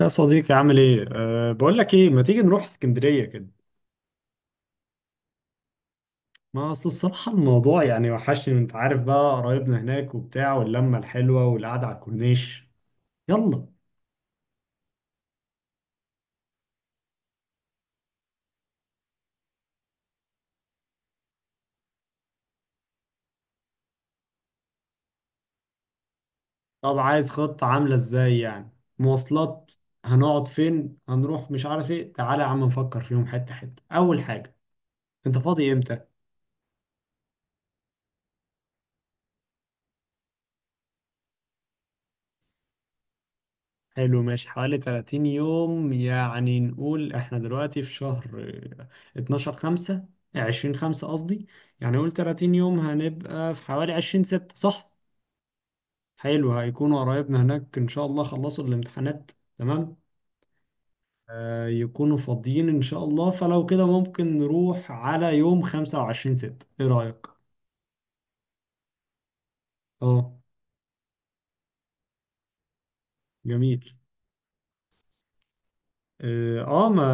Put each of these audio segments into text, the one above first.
يا صديقي عامل ايه؟ بقول لك ايه، ما تيجي نروح اسكندرية كده؟ ما اصل الصراحة الموضوع يعني وحشني، وانت عارف بقى قرايبنا هناك وبتاع واللمة الحلوة والقعدة على الكورنيش. يلا. طب عايز خطة عاملة ازاي يعني؟ مواصلات. هنقعد فين؟ هنروح مش عارف ايه، تعالى يا عم نفكر فيهم حتة حتة. أول حاجة، انت فاضي امتى؟ حلو ماشي، حوالي 30 يوم. يعني نقول احنا دلوقتي في شهر 12 5. 20 5 قصدي. يعني نقول 30 يوم هنبقى في حوالي 20 6، صح؟ حلو، هيكونوا قرايبنا هناك ان شاء الله خلصوا الامتحانات. تمام. يكونوا فاضيين ان شاء الله، فلو كده ممكن نروح على يوم 25 6، ايه رأيك؟ اه. جميل. اه. آه، ما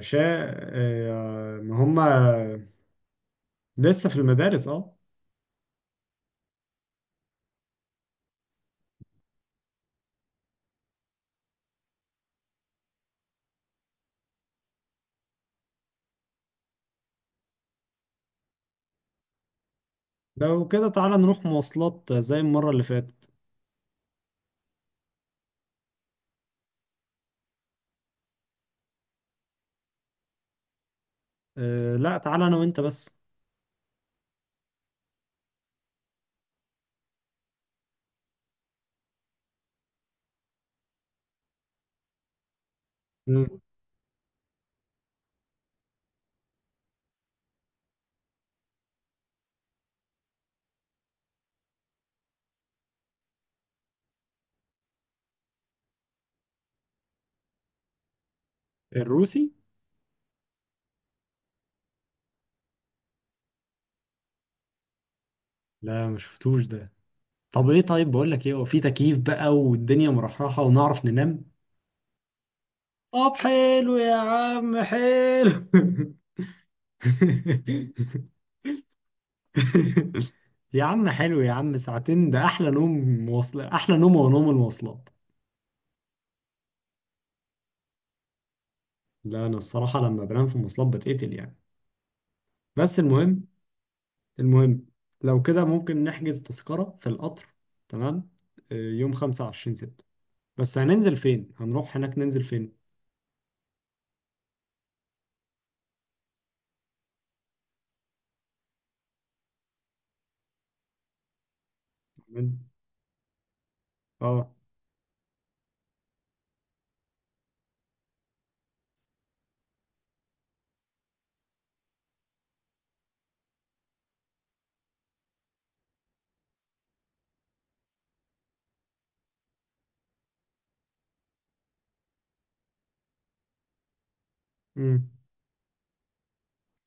شا آه ما هما لسه في المدارس، اه. لو كده تعالى نروح مواصلات زي المرة اللي فاتت. لا، تعالى أنا وأنت بس. مم. الروسي. لا ما شفتوش ده. طب إيه؟ طيب بقول لك إيه، هو في تكييف بقى والدنيا مرحرحة ونعرف ننام. طب حلو يا عم، حلو. يا عم حلو يا عم، ساعتين ده أحلى نوم. مواصلات، أحلى نوم ونوم المواصلات. لا أنا الصراحة لما بنام في المواصلات بتقتل يعني. بس المهم. لو كده ممكن نحجز تذكرة في القطر. تمام. يوم خمسة وعشرين ستة. بس هننزل فين؟ هنروح هناك ننزل فين؟ هن- اه امم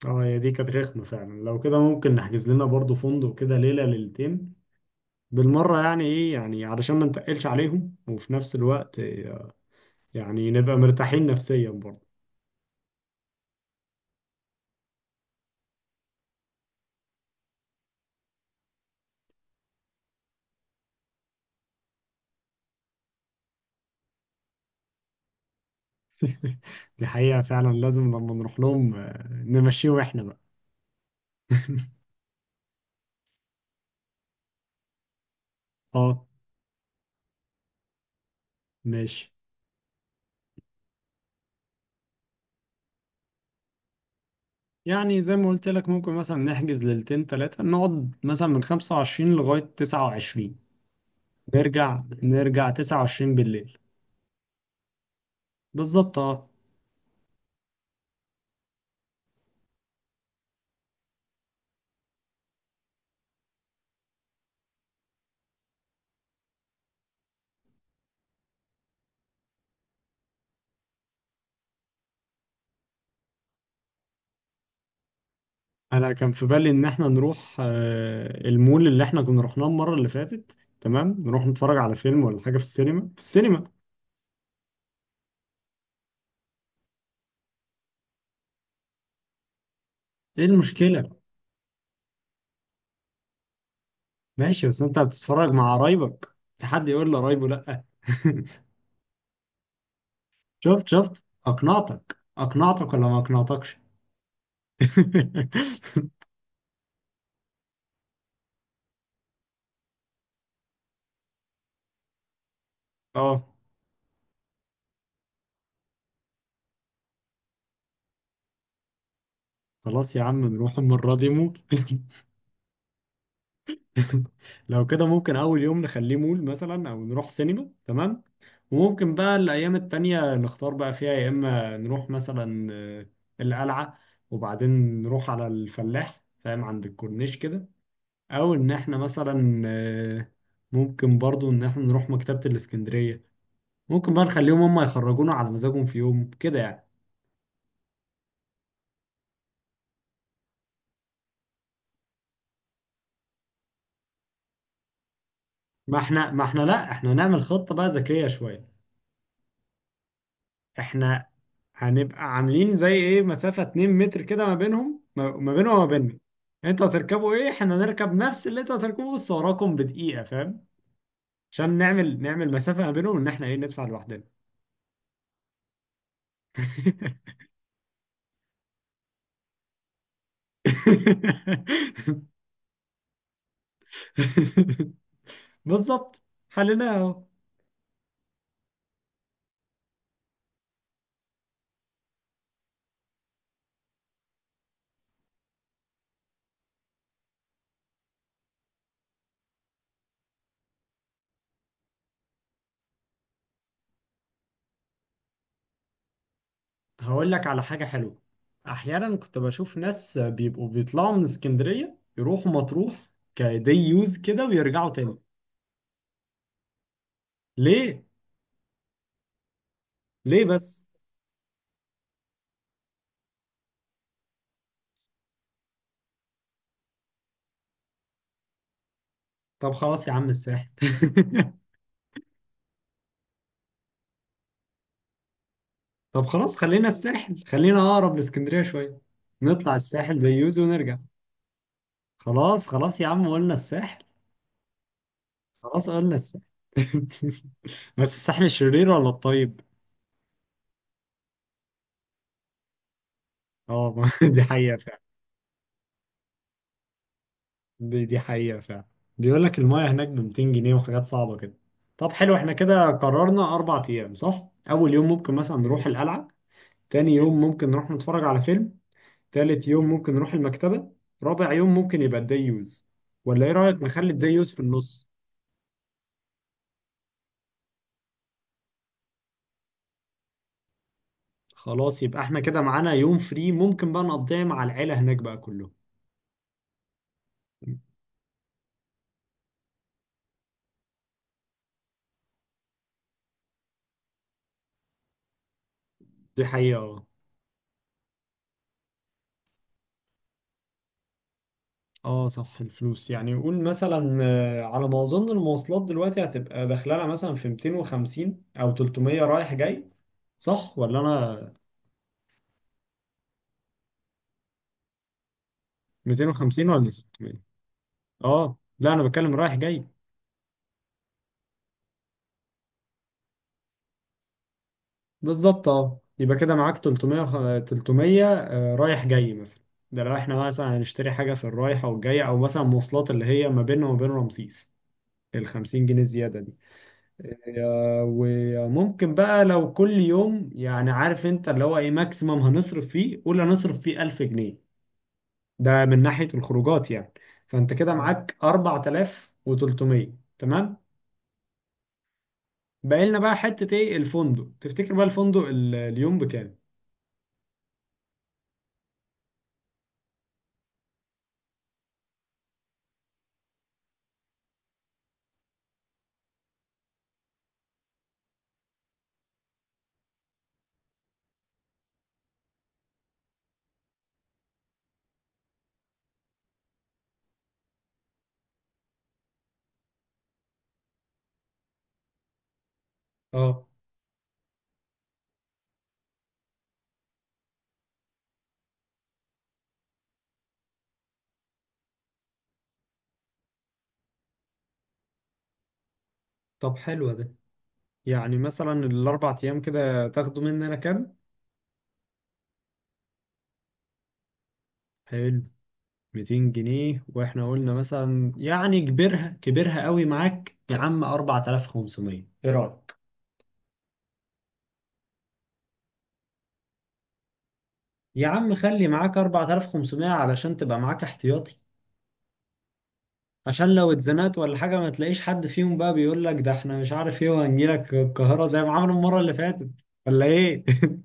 اه، هي دي كانت رخمة فعلا، لو كده ممكن نحجز لنا برضو فندق كده ليلة ليلتين بالمرة، يعني ايه، يعني علشان ما نتقلش عليهم، وفي نفس الوقت يعني نبقى مرتاحين نفسيا برضو. دي حقيقة فعلا، لازم لما نروح لهم نمشيهم احنا بقى. اه، ماشي. يعني زي ما قلت لك ممكن مثلا نحجز ليلتين تلاتة، نقعد مثلا من خمسة وعشرين لغاية تسعة وعشرين. نرجع تسعة وعشرين بالليل. بالظبط، اه. أنا كان في بالي إن احنا نروح المول اللي احنا كنا رحناه المرة اللي فاتت، تمام، نروح نتفرج على فيلم ولا حاجة في السينما. ايه المشكلة؟ ماشي، بس انت هتتفرج مع قرايبك؟ في حد يقول لقرايبه لأ؟ شفت، شفت أقنعتك، أقنعتك ولا ما أقنعتكش؟ اه. خلاص يا عم نروح المرة دي مول. لو كده ممكن أول يوم نخليه مول مثلا، أو نروح سينما، تمام. وممكن بقى الأيام التانية نختار بقى فيها يا إما نروح مثلا القلعة، وبعدين نروح على الفلاح، فاهم، عند الكورنيش كده. أو إن إحنا مثلا ممكن برضو إن إحنا نروح مكتبة الإسكندرية. ممكن بقى نخليهم هما يخرجونا على مزاجهم في يوم كده يعني. ما إحنا لأ، إحنا نعمل خطة بقى ذكية شوية. احنا هنبقى عاملين زي ايه، مسافة 2 متر كده ما بينهم، ما بينه وما بيننا. انتوا هتركبوا ايه؟ احنا هنركب نفس اللي انتوا هتركبوه بس وراكم بدقيقة، فاهم. عشان نعمل مسافة ما بينهم، ان احنا ايه، ندفع لوحدنا. بالظبط. حلنا اهو. هقول لك على حاجة حلوة. احيانا كنت بشوف ناس بيبقوا بيطلعوا من اسكندرية يروحوا مطروح، كدي يوز كده ويرجعوا تاني. ليه؟ ليه بس؟ طب خلاص يا عم الساحل. طب خلاص خلينا الساحل، خلينا اقرب لاسكندريه شويه. نطلع الساحل بيوزي ونرجع. خلاص خلاص يا عم قلنا الساحل. خلاص قلنا الساحل. بس الساحل الشرير ولا الطيب؟ اه، دي حقيقه فعلا. دي حقيقه فعلا. بيقول لك المايه هناك ب 200 جنيه، وحاجات صعبه كده. طب حلو، احنا كده قررنا اربع ايام، صح؟ اول يوم ممكن مثلا نروح القلعه. تاني يوم ممكن نروح نتفرج على فيلم. تالت يوم ممكن نروح المكتبه. رابع يوم ممكن يبقى الديوز. ولا ايه رايك نخلي الديوز في النص؟ خلاص، يبقى احنا كده معانا يوم فري ممكن بقى نقضيه مع العيلة هناك بقى كله. دي حقيقة، اه. اه صح، الفلوس يعني قول مثلا على ما اظن المواصلات دلوقتي هتبقى داخلها مثلا في 250 او 300 رايح جاي، صح ولا انا؟ 250 ولا 600؟ اه لا انا بتكلم رايح جاي. بالظبط اه، يبقى كده معاك 300، 300 رايح جاي مثلا. ده لو احنا مثلا هنشتري حاجة في الرايحة والجاية، او مثلا مواصلات اللي هي ما بيننا وما بين رمسيس، ال 50 جنيه زيادة. آه، وممكن بقى لو كل يوم، يعني عارف انت اللي هو ايه، ماكسيمم هنصرف فيه قول هنصرف فيه 1000 جنيه، ده من ناحية الخروجات يعني. فانت كده اه معاك 4300، تمام. باقي لنا بقى حتة ايه، الفندق، تفتكر بقى الفندق اليوم بكام؟ اه طب حلو ده. يعني مثلا الاربع ايام كده تاخدوا مننا كام؟ حلو. 200 جنيه، واحنا قلنا مثلا، يعني كبرها كبرها قوي، معاك يا عم 4500، ايه رأيك؟ يا عم خلي معاك 4500 علشان تبقى معاك احتياطي، عشان لو اتزنقت ولا حاجة ما تلاقيش حد فيهم بقى بيقول لك ده احنا مش عارف ايه وهنجيلك القاهرة زي ما عملوا المرة اللي فاتت. ولا ايه؟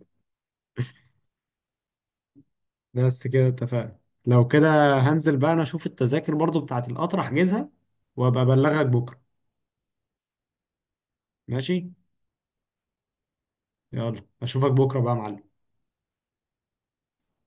بس كده اتفقنا. لو كده هنزل بقى انا اشوف التذاكر برضو بتاعت القطر احجزها، وابقى ابلغك بكرة. ماشي. يلا اشوفك بكرة بقى يا معلم.